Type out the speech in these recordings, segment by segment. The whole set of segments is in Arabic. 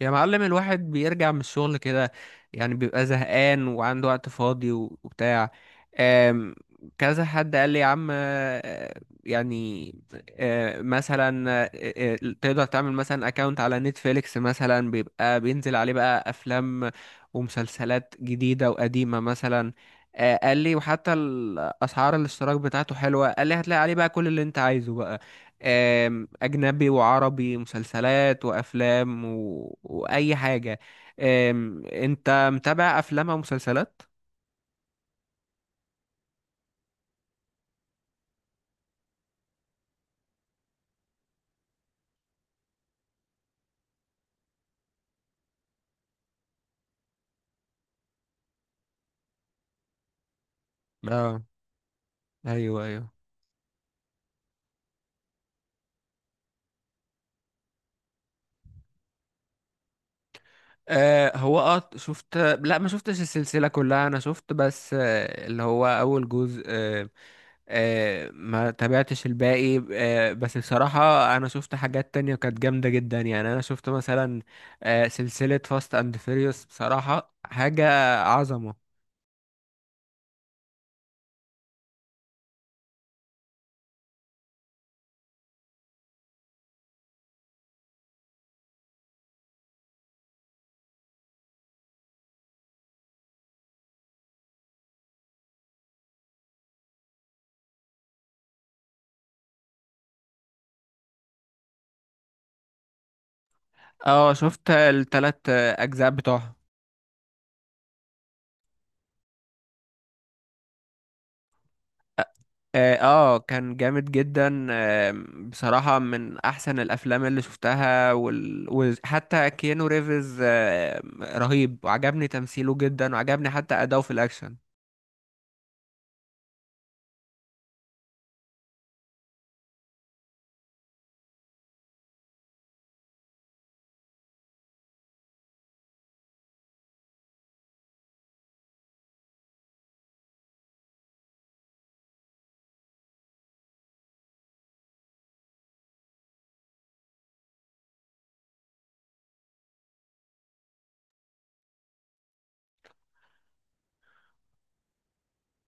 يا معلم، الواحد بيرجع من الشغل كده يعني بيبقى زهقان وعنده وقت فاضي وبتاع. آم، كذا حد قال لي، يا عم، يعني آه، مثلا آه، آه، تقدر تعمل مثلا اكونت على نتفليكس. مثلا بيبقى بينزل عليه بقى افلام ومسلسلات جديدة وقديمة مثلا. قال لي وحتى الاسعار الاشتراك بتاعته حلوة. قال لي هتلاقي عليه بقى كل اللي انت عايزه بقى. أجنبي وعربي، مسلسلات وأفلام وأي حاجة. أنت متابع أفلام أو مسلسلات؟ اه، أيوه أيوه. هو شفت، لا ما شفتش السلسلة كلها. أنا شفت بس اللي هو أول جزء. ما تابعتش الباقي. بس بصراحة أنا شفت حاجات تانية كانت جامدة جدا. يعني أنا شفت مثلا سلسلة فاست أند فيريوس، بصراحة حاجة عظمة. اه، شفت التلات اجزاء بتوعها. اه، كان جامد جدا. بصراحة من احسن الافلام اللي شفتها وحتى كيانو ريفز رهيب، وعجبني تمثيله جدا، وعجبني حتى اداؤه في الاكشن.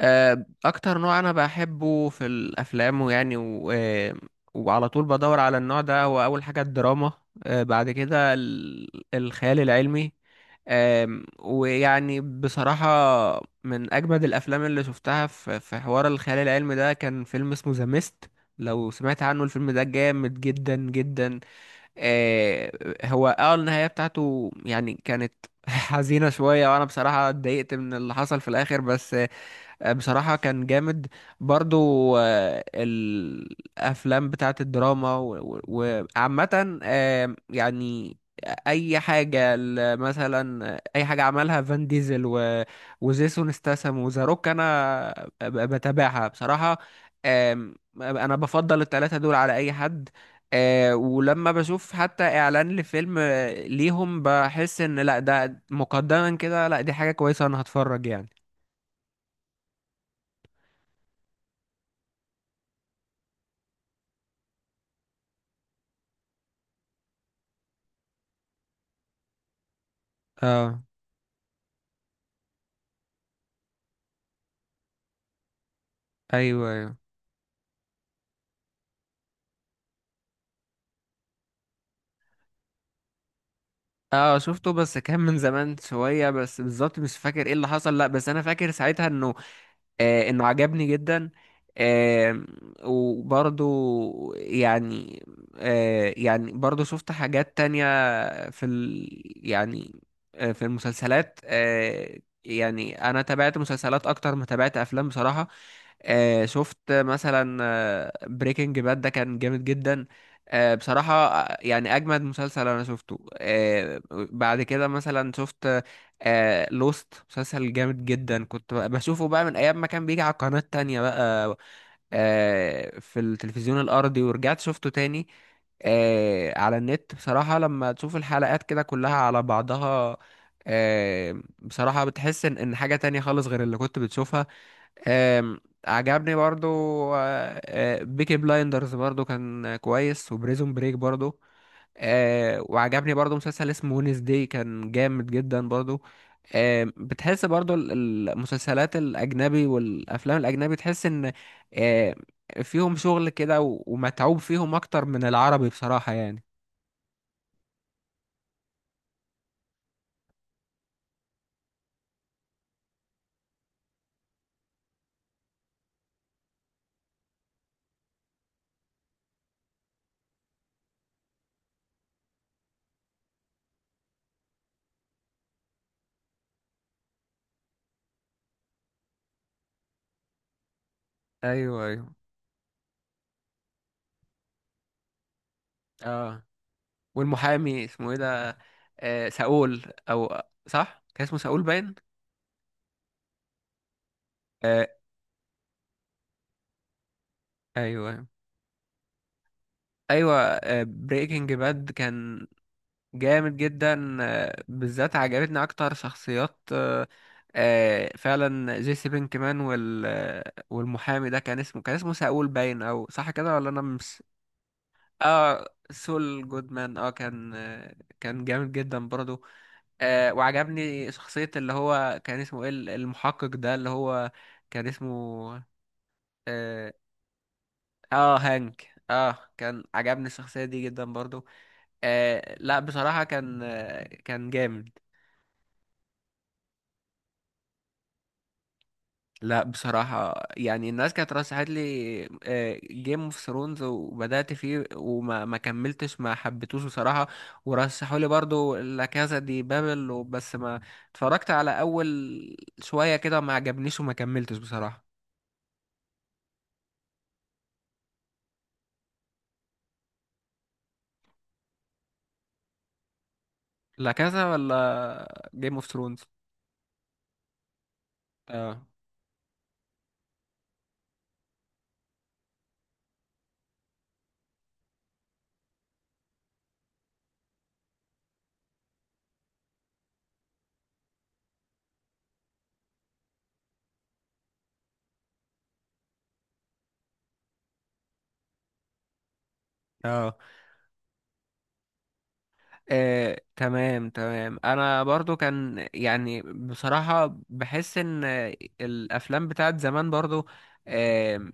اكتر نوع انا بحبه في الافلام، ويعني و... آه، وعلى طول بدور على النوع ده، هو اول حاجة الدراما. بعد كده الخيال العلمي. ويعني بصراحة من أجمد الأفلام اللي شفتها في حوار الخيال العلمي ده كان فيلم اسمه ذا ميست. لو سمعت عنه، الفيلم ده جامد جدا جدا. آه، هو النهاية بتاعته يعني كانت حزينة شوية، وأنا بصراحة اتضايقت من اللي حصل في الآخر. بس بصراحة كان جامد برضو. الأفلام بتاعت الدراما وعامة يعني أي حاجة مثلا أي حاجة عملها فان ديزل وجيسون ستاثام وذا روك، أنا بتابعها بصراحة. آم، أنا بفضل التلاتة دول على أي حد. ولما بشوف حتى إعلان لفيلم ليهم، بحس إن لأ ده مقدما كده، لأ دي حاجة كويسة أنا هتفرج يعني. اه، ايوه ايوه. اه، شفته بس كان من زمان شويه، بس بالظبط مش فاكر ايه اللي حصل. لا بس انا فاكر ساعتها انه انه عجبني جدا. آه، وبرضو يعني يعني برضو شفت حاجات تانية في ال يعني في المسلسلات. يعني انا تابعت مسلسلات اكتر ما تابعت افلام بصراحة. شفت مثلا بريكنج باد، ده كان جامد جدا. بصراحة يعني أجمد مسلسل أنا شفته. بعد كده مثلا شفت لوست، مسلسل جامد جدا. كنت بشوفه بقى من ايام ما كان بيجي على قناة تانية بقى في التلفزيون الارضي. ورجعت شفته تاني على النت. بصراحة لما تشوف الحلقات كده كلها على بعضها بصراحة بتحس ان إن حاجة تانية خالص غير اللي كنت بتشوفها. آه عجبني برضو. بيكي بلايندرز برضو كان كويس، وبريزون بريك برضو. وعجبني برضو مسلسل اسمه ونس داي، كان جامد جدا برضو. بتحس برضو المسلسلات الأجنبي والأفلام الأجنبي تحس إن آه فيهم شغل كده ومتعوب فيهم أكتر من العربي، بصراحة يعني. أيوه أيوه. آه والمحامي اسمه إيه ده؟ آه، ساول. أو صح، كان اسمه ساول باين. آه، أيوه أيوه، بريكنج باد كان جامد جدا. بالذات عجبتني اكتر شخصيات فعلا جيسي بينكمان، وال والمحامي ده كان اسمه، كان اسمه ساول باين او صح كده ولا انا مش. اه، سول جودمان، اه، كان كان جامد جدا برضو. وعجبني شخصية اللي هو كان اسمه ايه، المحقق ده اللي هو كان اسمه، اه، هانك. اه، كان عجبني الشخصية دي جدا برضو. لا بصراحة كان كان جامد. لا بصراحة يعني الناس كانت رشحت لي جيم اوف ثرونز، وبدأت فيه وما ما كملتش، ما حبيتوش بصراحة. ورشحوا لي برضو لا كازا دي بابل بس ما اتفرجت على أول شوية كده، ما عجبنيش وما كملتش بصراحة. لا كازا ولا جيم اوف ثرونز. اه، تمام تمام، انا برضو كان يعني بصراحة بحس ان الافلام بتاعت زمان برضو آه،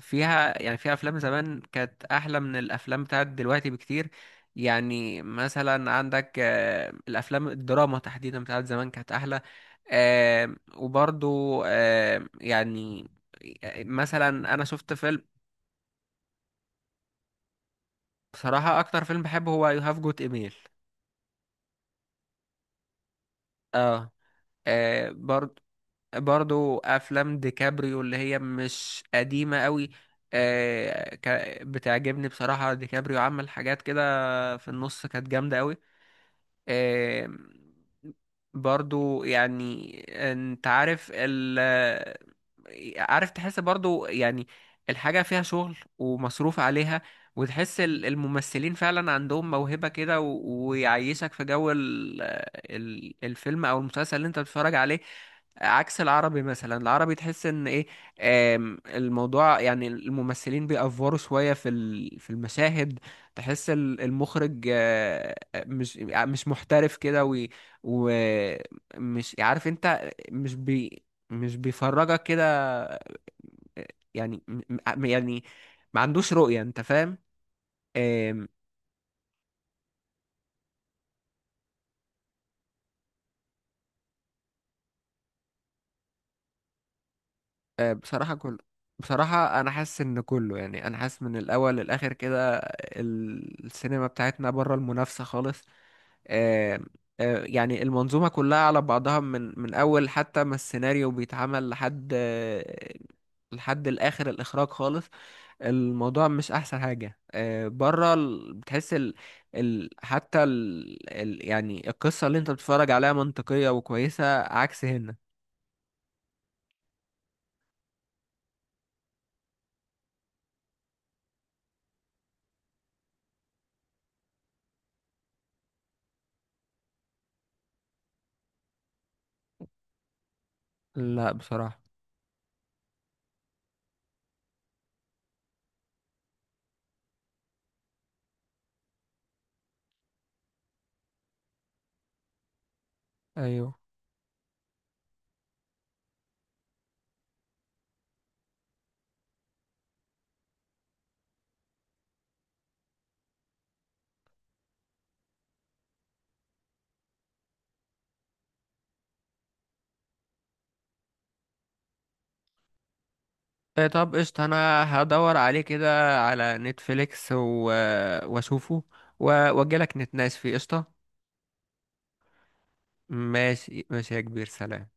فيها يعني فيها افلام زمان كانت احلى من الافلام بتاعت دلوقتي بكتير. يعني مثلا عندك الافلام الدراما تحديدا بتاعت زمان كانت احلى. وبرضو يعني مثلا انا شفت فيلم. بصراحة اكتر فيلم بحبه هو يو هاف جوت ايميل. اه، برضو. برضو افلام ديكابريو اللي هي مش قديمة قوي بتعجبني. بصراحة ديكابريو عمل حاجات كده في النص كانت جامدة قوي. آه، برضو يعني، انت عارف عارف، تحس برضو يعني الحاجة فيها شغل ومصروف عليها، وتحس الممثلين فعلا عندهم موهبة كده ويعيشك في جو الفيلم او المسلسل اللي انت بتتفرج عليه. عكس العربي، مثلا العربي تحس ان ايه، الموضوع يعني الممثلين بيأفوروا شوية في المشاهد. تحس المخرج مش محترف كده. ومش عارف، انت مش بيفرجك كده. يعني يعني ما عندوش رؤية، انت فاهم؟ آم، بصراحة كله. بصراحة أنا حاسس إن كله يعني، أنا حاسس من الأول للآخر كده السينما بتاعتنا بره المنافسة خالص. آه، يعني المنظومة كلها على بعضها، من أول حتى ما السيناريو بيتعمل لحد لحد الآخر الإخراج خالص. الموضوع مش أحسن حاجة بره بتحس حتى يعني القصة اللي أنت بتتفرج عليها منطقية وكويسة، عكس هنا. لا بصراحة. أيوه. إيه، طب قشطة، أنا هدور عليه كده على نتفليكس وأشوفه، وأجيلك نتناقش فيه، قشطة. ماشي ماشي يا كبير، سلام.